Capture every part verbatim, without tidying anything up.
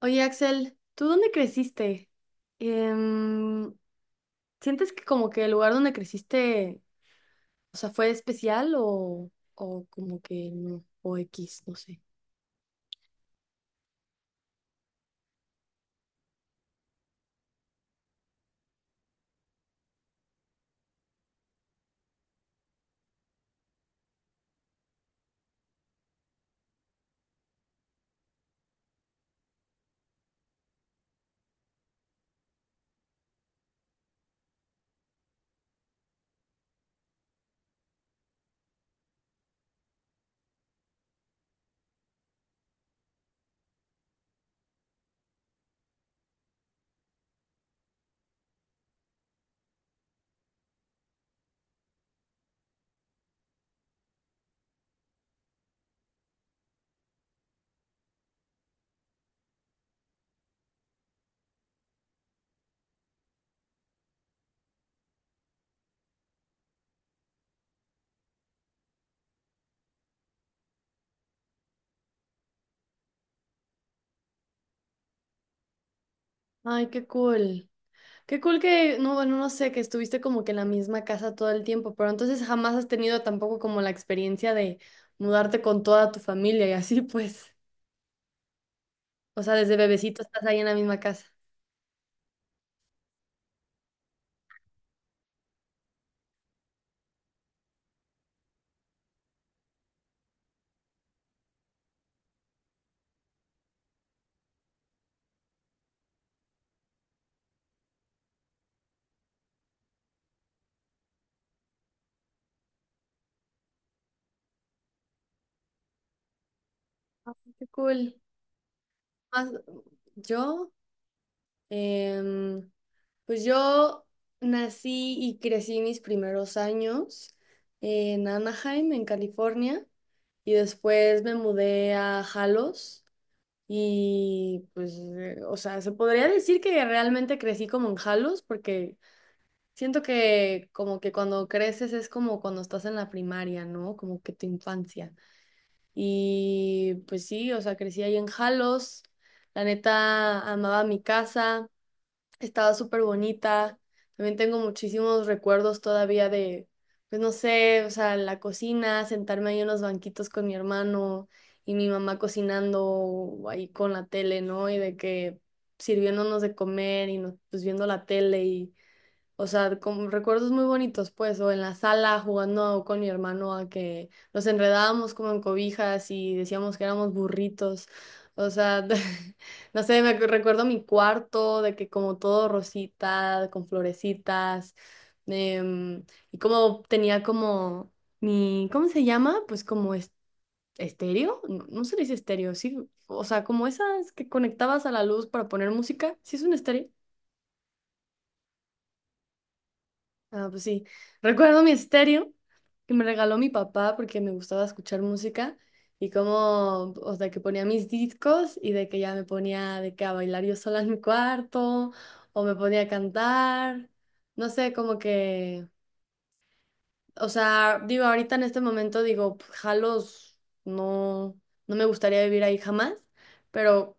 Oye, Axel, ¿tú dónde creciste? Em, ¿sientes que como que el lugar donde creciste, o sea, fue especial o, o como que no, o X, no sé? Ay, qué cool. Qué cool que, no, bueno, no sé, que estuviste como que en la misma casa todo el tiempo, pero entonces jamás has tenido tampoco como la experiencia de mudarte con toda tu familia y así pues. O sea, desde bebecito estás ahí en la misma casa. Ay, qué cool. Más- yo, em, pues yo nací y crecí mis primeros años en Anaheim, en California, y después me mudé a Jalos y pues, eh, o sea, se podría decir que realmente crecí como en Jalos porque siento que como que cuando creces es como cuando estás en la primaria, ¿no? Como que tu infancia. Y pues sí, o sea, crecí ahí en Jalos, la neta amaba mi casa. Estaba súper bonita. También tengo muchísimos recuerdos todavía de, pues no sé, o sea, la cocina, sentarme ahí en los banquitos con mi hermano y mi mamá cocinando o ahí con la tele, ¿no? Y de que sirviéndonos de comer y nos, pues viendo la tele y o sea, como recuerdos muy bonitos, pues, o en la sala jugando con mi hermano a que nos enredábamos como en cobijas y decíamos que éramos burritos. O sea, no sé, me acu- recuerdo mi cuarto de que como todo rosita, con florecitas, em, y como tenía como mi, ¿cómo se llama? Pues como es- estéreo, no, no se le dice estéreo, sí, o sea, como esas que conectabas a la luz para poner música, sí es un estéreo. Ah, pues sí. Recuerdo mi estéreo que me regaló mi papá porque me gustaba escuchar música y como, o sea, que ponía mis discos y de que ya me ponía de que a bailar yo sola en mi cuarto o me ponía a cantar. No sé, como que, o sea, digo, ahorita en este momento digo, "Pf, jalos, no, no me gustaría vivir ahí jamás, pero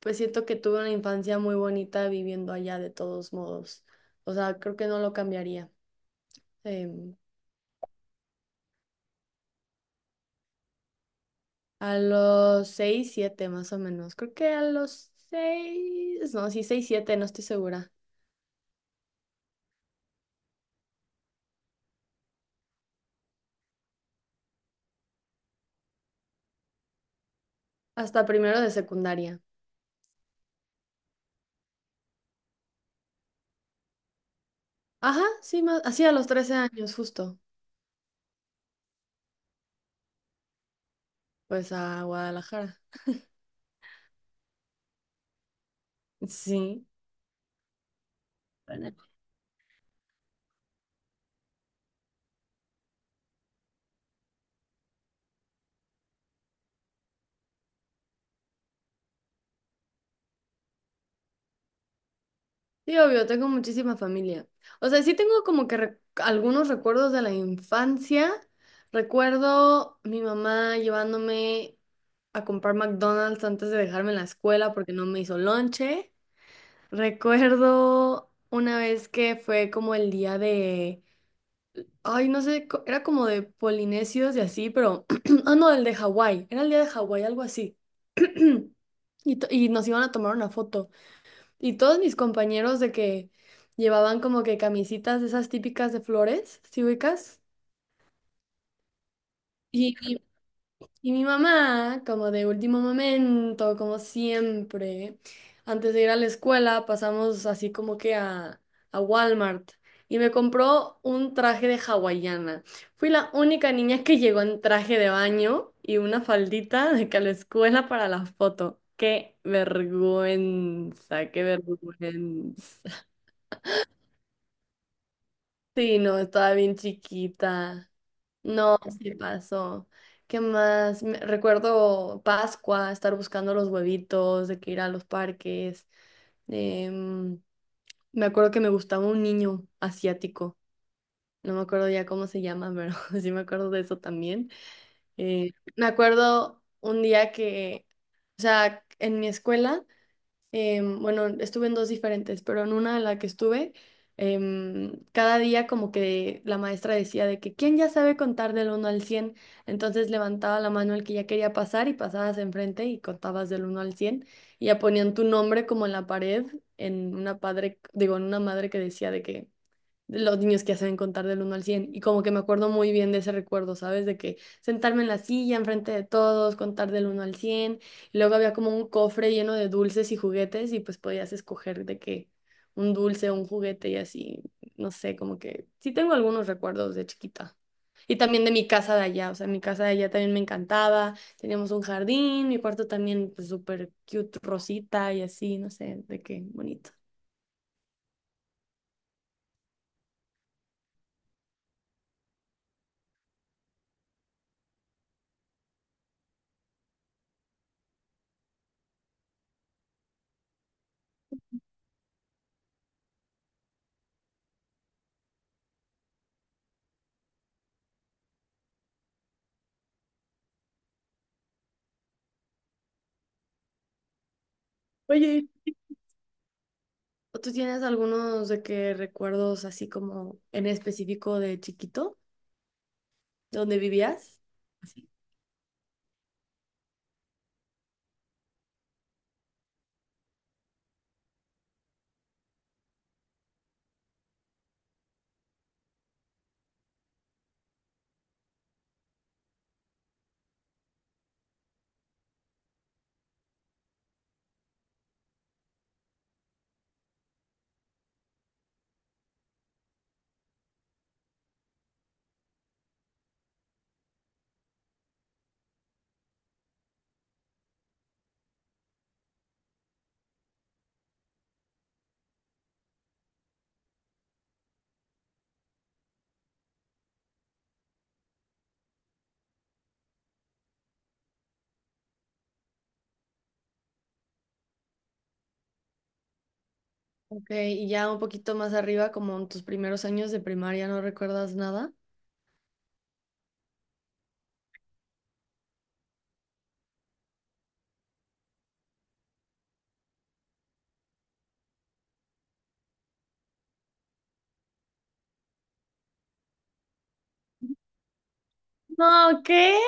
pues siento que tuve una infancia muy bonita viviendo allá de todos modos. O sea, creo que no lo cambiaría. Em, A los seis, siete más o menos. Creo que a los seis, no, sí, seis, siete, no estoy segura. Hasta primero de secundaria. Ajá, sí, más, así a los trece años justo. Pues a Guadalajara. Sí. Bueno. Sí, obvio, tengo muchísima familia. O sea, sí tengo como que re- algunos recuerdos de la infancia. Recuerdo mi mamá llevándome a comprar McDonald's antes de dejarme en la escuela porque no me hizo lonche. Recuerdo una vez que fue como el día de, ay, no sé, co- era como de polinesios y así, pero, ah, no, el de Hawái, era el día de Hawái, algo así. Y, to- y nos iban a tomar una foto. Y todos mis compañeros de que llevaban como que camisitas de esas típicas de flores, ¿sí ubicas? Y, y mi mamá, como de último momento, como siempre, antes de ir a la escuela, pasamos así como que a, a Walmart y me compró un traje de hawaiana. Fui la única niña que llegó en traje de baño y una faldita de que a la escuela para la foto. ¡Qué vergüenza! ¡Qué vergüenza! Sí, no, estaba bien chiquita. No, sí pasó. ¿Qué más? Me- recuerdo Pascua, estar buscando los huevitos, de que ir a los parques. Em, me acuerdo que me gustaba un niño asiático. No me acuerdo ya cómo se llama, pero sí me acuerdo de eso también. Eh, me acuerdo un día que, o sea, en mi escuela em, bueno, estuve en dos diferentes, pero en una de la que estuve, em, cada día como que la maestra decía de que quién ya sabe contar del uno al cien entonces levantaba la mano el que ya quería pasar y pasabas enfrente y contabas del uno al cien y ya ponían tu nombre como en la pared, en una padre, digo, en una madre que decía de que los niños que saben contar del uno al cien y como que me acuerdo muy bien de ese recuerdo, ¿sabes? De que sentarme en la silla enfrente de todos, contar del uno al cien y luego había como un cofre lleno de dulces y juguetes y pues podías escoger de que un dulce o un juguete y así, no sé, como que sí tengo algunos recuerdos de chiquita. Y también de mi casa de allá, o sea, mi casa de allá también me encantaba, teníamos un jardín, mi cuarto también pues súper cute, rosita y así, no sé, de qué bonito. Oye, ¿O ¿tú tienes algunos de que recuerdos así como en específico de chiquito, donde vivías? Así. Ok, y ya un poquito más arriba, como en tus primeros años de primaria, ¿no recuerdas nada? No, ¿qué?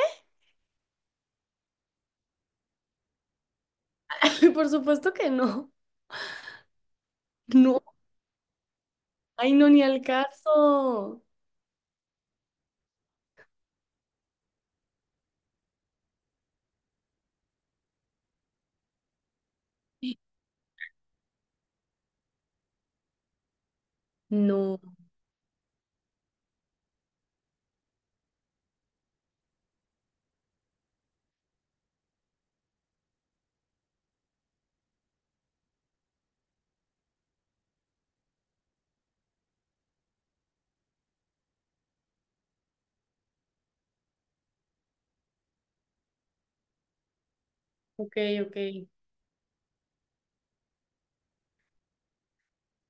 Por supuesto que no. No, ay, no, ni al caso. No, ok, ok.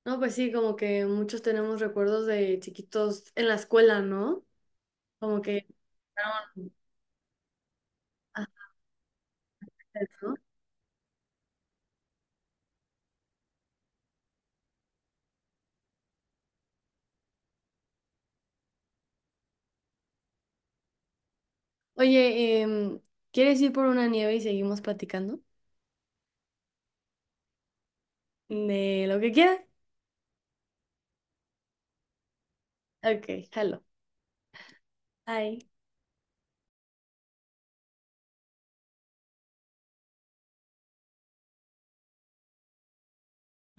No, pues sí, como que muchos tenemos recuerdos de chiquitos en la escuela, ¿no? Como que... ah, Oye, em, ¿quieres ir por una nieve y seguimos platicando? De lo que quieras. Ok, hello. Bye.